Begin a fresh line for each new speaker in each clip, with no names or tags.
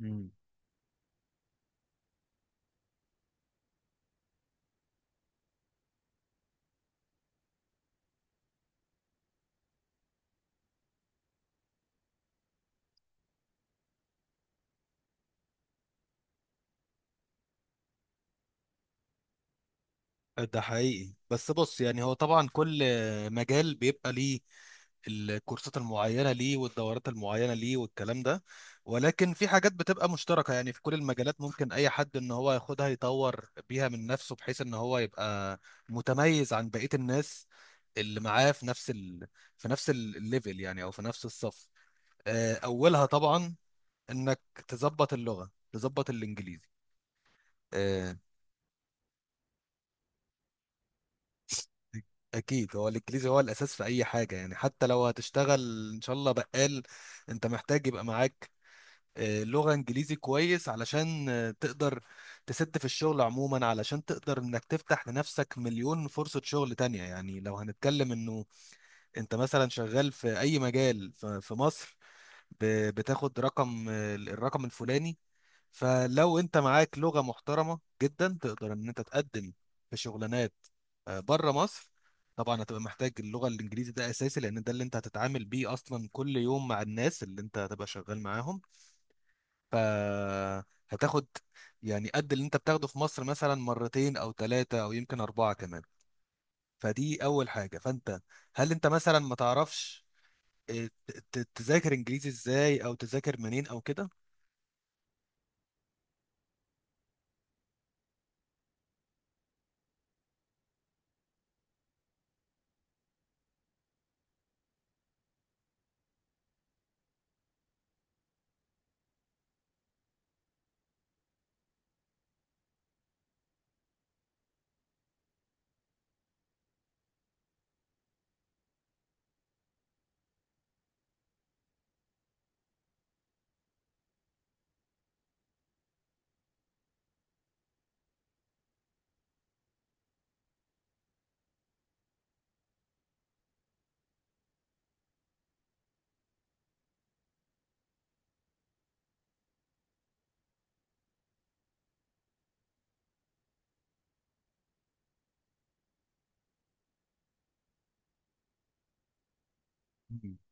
مم. ده حقيقي، بس بص، يعني هو طبعا كل مجال بيبقى ليه الكورسات المعينة ليه، والدورات المعينة ليه، والكلام ده. ولكن في حاجات بتبقى مشتركة يعني في كل المجالات، ممكن أي حد إن هو ياخدها يطور بيها من نفسه بحيث إن هو يبقى متميز عن بقية الناس اللي معاه في نفس ال... في نفس الليفل يعني، أو في نفس الصف. أولها طبعا إنك تظبط اللغة، تظبط الإنجليزي. آه، اكيد هو الانجليزي هو الاساس في اي حاجه، يعني حتى لو هتشتغل ان شاء الله بقال، انت محتاج يبقى معاك لغه انجليزي كويس علشان تقدر تسد في الشغل عموما، علشان تقدر انك تفتح لنفسك مليون فرصه شغل تانية. يعني لو هنتكلم انه انت مثلا شغال في اي مجال في مصر، بتاخد رقم، الرقم الفلاني. فلو انت معاك لغة محترمة جدا تقدر ان انت تقدم في شغلانات بره مصر. طبعا هتبقى محتاج اللغة الانجليزي، ده اساسي، لان ده اللي انت هتتعامل بيه اصلا كل يوم مع الناس اللي انت هتبقى شغال معاهم. فهتاخد يعني قد اللي انت بتاخده في مصر مثلا مرتين او ثلاثة او يمكن اربعة كمان. فدي اول حاجة. فانت هل انت مثلا ما تعرفش تذاكر انجليزي ازاي، او تذاكر منين، او كده؟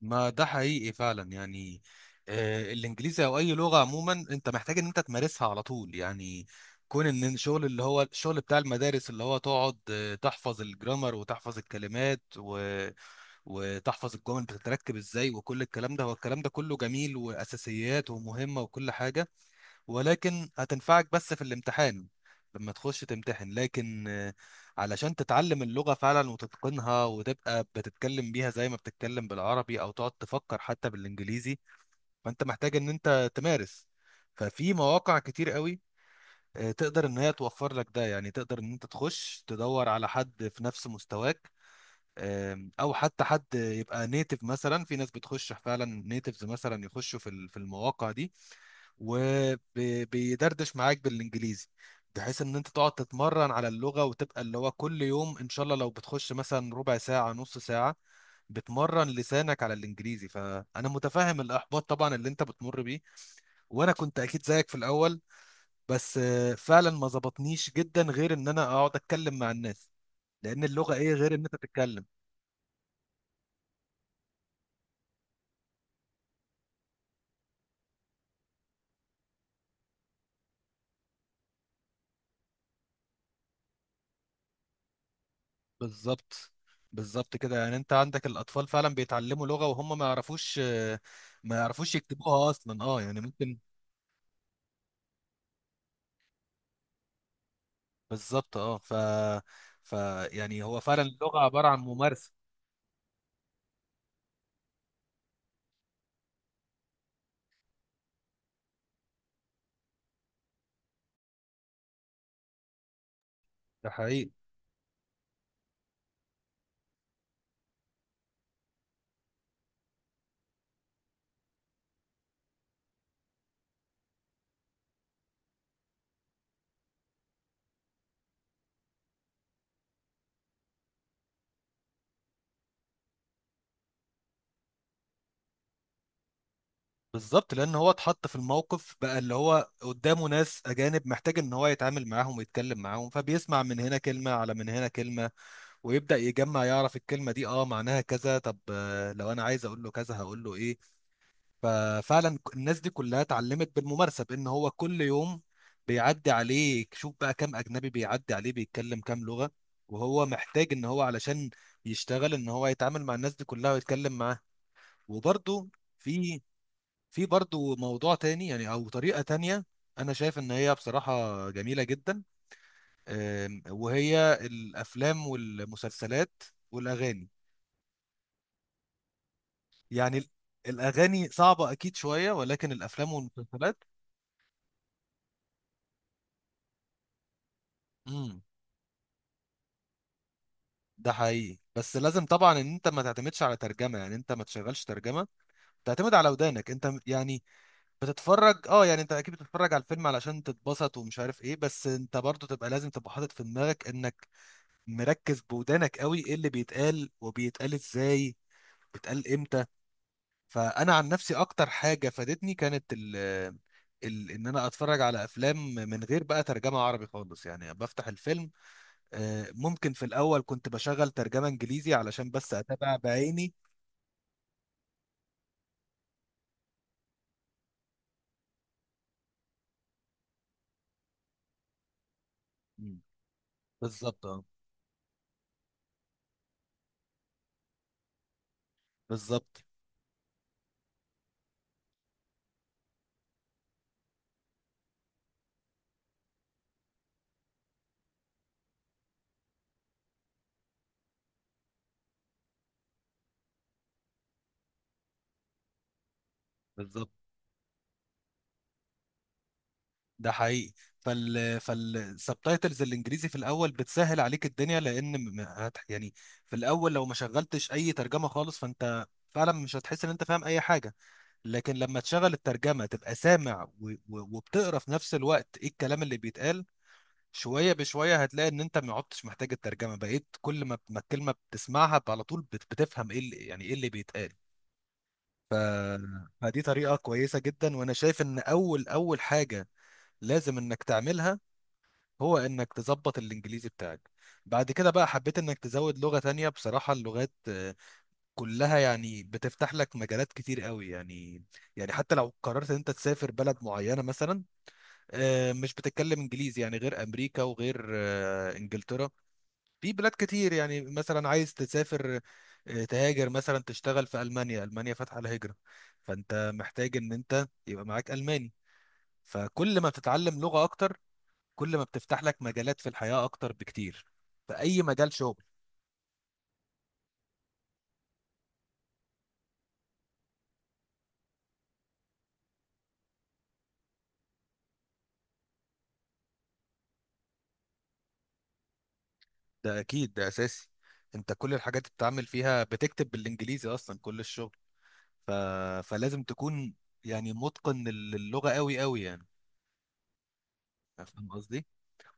ما ده حقيقي فعلا، يعني الانجليزي او اي لغه عموما انت محتاج ان انت تمارسها على طول. يعني كون ان الشغل، اللي هو الشغل بتاع المدارس، اللي هو تقعد تحفظ الجرامر وتحفظ الكلمات وتحفظ الجمل بتتركب ازاي وكل الكلام ده، هو الكلام ده كله جميل واساسيات ومهمه وكل حاجه، ولكن هتنفعك بس في الامتحان لما تخش تمتحن. لكن علشان تتعلم اللغة فعلا وتتقنها وتبقى بتتكلم بيها زي ما بتتكلم بالعربي، أو تقعد تفكر حتى بالإنجليزي، فأنت محتاج إن أنت تمارس. ففي مواقع كتير قوي تقدر إن هي توفر لك ده، يعني تقدر إن أنت تخش تدور على حد في نفس مستواك، او حتى حد يبقى نيتف. مثلا في ناس بتخش فعلا نيتفز مثلا يخشوا في المواقع دي وبيدردش معاك بالانجليزي، بحيث ان انت تقعد تتمرن على اللغة، وتبقى اللي هو كل يوم ان شاء الله لو بتخش مثلا ربع ساعة نص ساعة بتمرن لسانك على الانجليزي. فانا متفهم الاحباط طبعا اللي انت بتمر بيه، وانا كنت اكيد زيك في الاول. بس فعلا ما ظبطنيش جدا غير ان انا اقعد اتكلم مع الناس، لان اللغة ايه غير ان انت تتكلم؟ بالظبط. بالظبط كده، يعني انت عندك الاطفال فعلا بيتعلموا لغة وهم ما يعرفوش ما يعرفوش يكتبوها اصلا. اه يعني ممكن. بالظبط اه. ف يعني هو فعلا اللغه عباره عن ممارسه. ده حقيقي. بالظبط، لان هو اتحط في الموقف بقى، اللي هو قدامه ناس اجانب محتاج ان هو يتعامل معاهم ويتكلم معاهم، فبيسمع من هنا كلمه، على من هنا كلمه، ويبدا يجمع، يعرف الكلمه دي اه معناها كذا، طب لو انا عايز اقول له كذا هقول له ايه. ففعلا الناس دي كلها اتعلمت بالممارسه، بان هو كل يوم بيعدي عليه، شوف بقى كام اجنبي بيعدي عليه بيتكلم كام لغه، وهو محتاج ان هو علشان يشتغل ان هو يتعامل مع الناس دي كلها ويتكلم معاها. وبرده في في برضه موضوع تاني، يعني او طريقه تانيه انا شايف ان هي بصراحه جميله جدا، وهي الافلام والمسلسلات والاغاني. يعني الاغاني صعبه اكيد شويه، ولكن الافلام والمسلسلات، ده حقيقي. بس لازم طبعا ان انت ما تعتمدش على ترجمه، يعني انت ما تشغلش ترجمه، تعتمد على ودانك انت. يعني بتتفرج، اه يعني انت اكيد بتتفرج على الفيلم علشان تتبسط ومش عارف ايه، بس انت برضو تبقى لازم تبقى حاطط في دماغك انك مركز بودانك قوي ايه اللي بيتقال، وبيتقال ازاي، بيتقال امتى. فانا عن نفسي اكتر حاجه فادتني كانت ال ان انا اتفرج على افلام من غير بقى ترجمه عربي خالص، يعني بفتح الفيلم. ممكن في الاول كنت بشغل ترجمه انجليزي علشان بس اتابع بعيني. مم. بالظبط اه. بالظبط بالظبط ده حقيقي. فالسبتايتلز الانجليزي في الاول بتسهل عليك الدنيا، لان يعني في الاول لو ما شغلتش اي ترجمه خالص، فانت فعلا مش هتحس ان انت فاهم اي حاجه، لكن لما تشغل الترجمه تبقى سامع وبتقرا في نفس الوقت ايه الكلام اللي بيتقال. شويه بشويه هتلاقي ان انت ما عدتش محتاج الترجمه، بقيت كل ما الكلمه بتسمعها على طول بتفهم ايه اللي، يعني ايه اللي بيتقال. ف... فدي طريقه كويسه جدا. وانا شايف ان اول حاجه لازم انك تعملها هو انك تظبط الانجليزي بتاعك. بعد كده بقى حبيت انك تزود لغه تانية. بصراحه اللغات كلها يعني بتفتح لك مجالات كتير قوي، يعني يعني حتى لو قررت ان انت تسافر بلد معينه مثلا مش بتتكلم انجليزي، يعني غير امريكا وغير انجلترا في بلاد كتير. يعني مثلا عايز تسافر تهاجر مثلا، تشتغل في ألمانيا. ألمانيا فاتحة الهجرة، فأنت محتاج إن أنت يبقى معاك ألماني. فكل ما بتتعلم لغة أكتر، كل ما بتفتح لك مجالات في الحياة أكتر بكتير، في أي مجال شغل. ده أكيد، ده أساسي. أنت كل الحاجات اللي بتتعامل فيها بتكتب بالإنجليزي أصلا، كل الشغل. ف... فلازم تكون يعني متقن للغة قوي قوي، يعني فاهم قصدي؟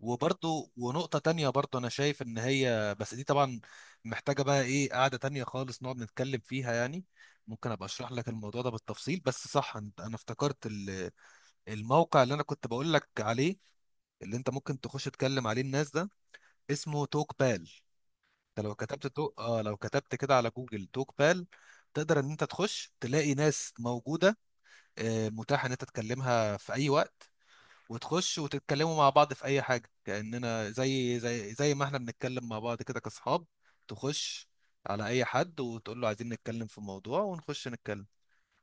وبرضو ونقطة تانية برضو أنا شايف إن هي، بس دي طبعا محتاجة بقى إيه، قعدة تانية خالص نقعد نتكلم فيها يعني. ممكن أبقى أشرح لك الموضوع ده بالتفصيل. بس صح، أنا افتكرت الموقع اللي أنا كنت بقول لك عليه، اللي أنت ممكن تخش تكلم عليه الناس. ده اسمه توك بال. أنت لو كتبت توك، آه لو كتبت كده على جوجل توك بال، تقدر إن أنت تخش تلاقي ناس موجودة متاحة إن أنت تكلمها في أي وقت، وتخش وتتكلموا مع بعض في اي حاجه، كاننا زي ما احنا بنتكلم مع بعض كده كاصحاب. تخش على اي حد وتقول له عايزين نتكلم في موضوع، ونخش نتكلم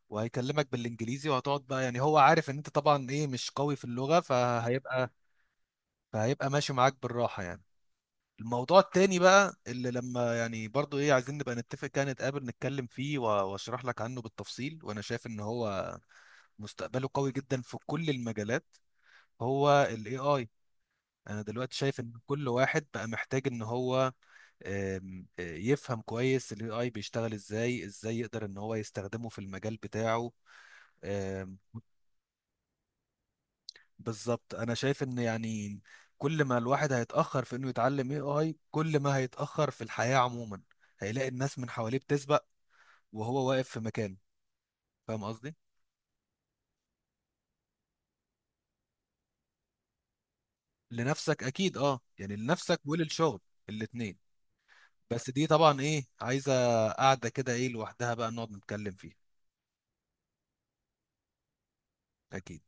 وهيكلمك بالانجليزي، وهتقعد بقى. يعني هو عارف ان انت طبعا ايه مش قوي في اللغه، فهيبقى ماشي معاك بالراحه. يعني الموضوع التاني بقى اللي لما يعني برضو ايه، عايزين نبقى نتفق كده نتقابل نتكلم فيه واشرح لك عنه بالتفصيل، وانا شايف ان هو مستقبله قوي جدا في كل المجالات. هو ال AI. انا دلوقتي شايف ان كل واحد بقى محتاج ان هو آم، آه، يفهم كويس الAI بيشتغل ازاي، ازاي يقدر ان هو يستخدمه في المجال بتاعه. آم، بالظبط. انا شايف ان يعني كل ما الواحد هيتاخر في انه يتعلم AI، كل ما هيتاخر في الحياه عموما، هيلاقي الناس من حواليه بتسبق وهو واقف في مكانه، فاهم قصدي؟ لنفسك اكيد اه، يعني لنفسك وللشغل، الاتنين. بس دي طبعا ايه عايزه قاعده كده ايه لوحدها بقى نقعد نتكلم فيها. اكيد.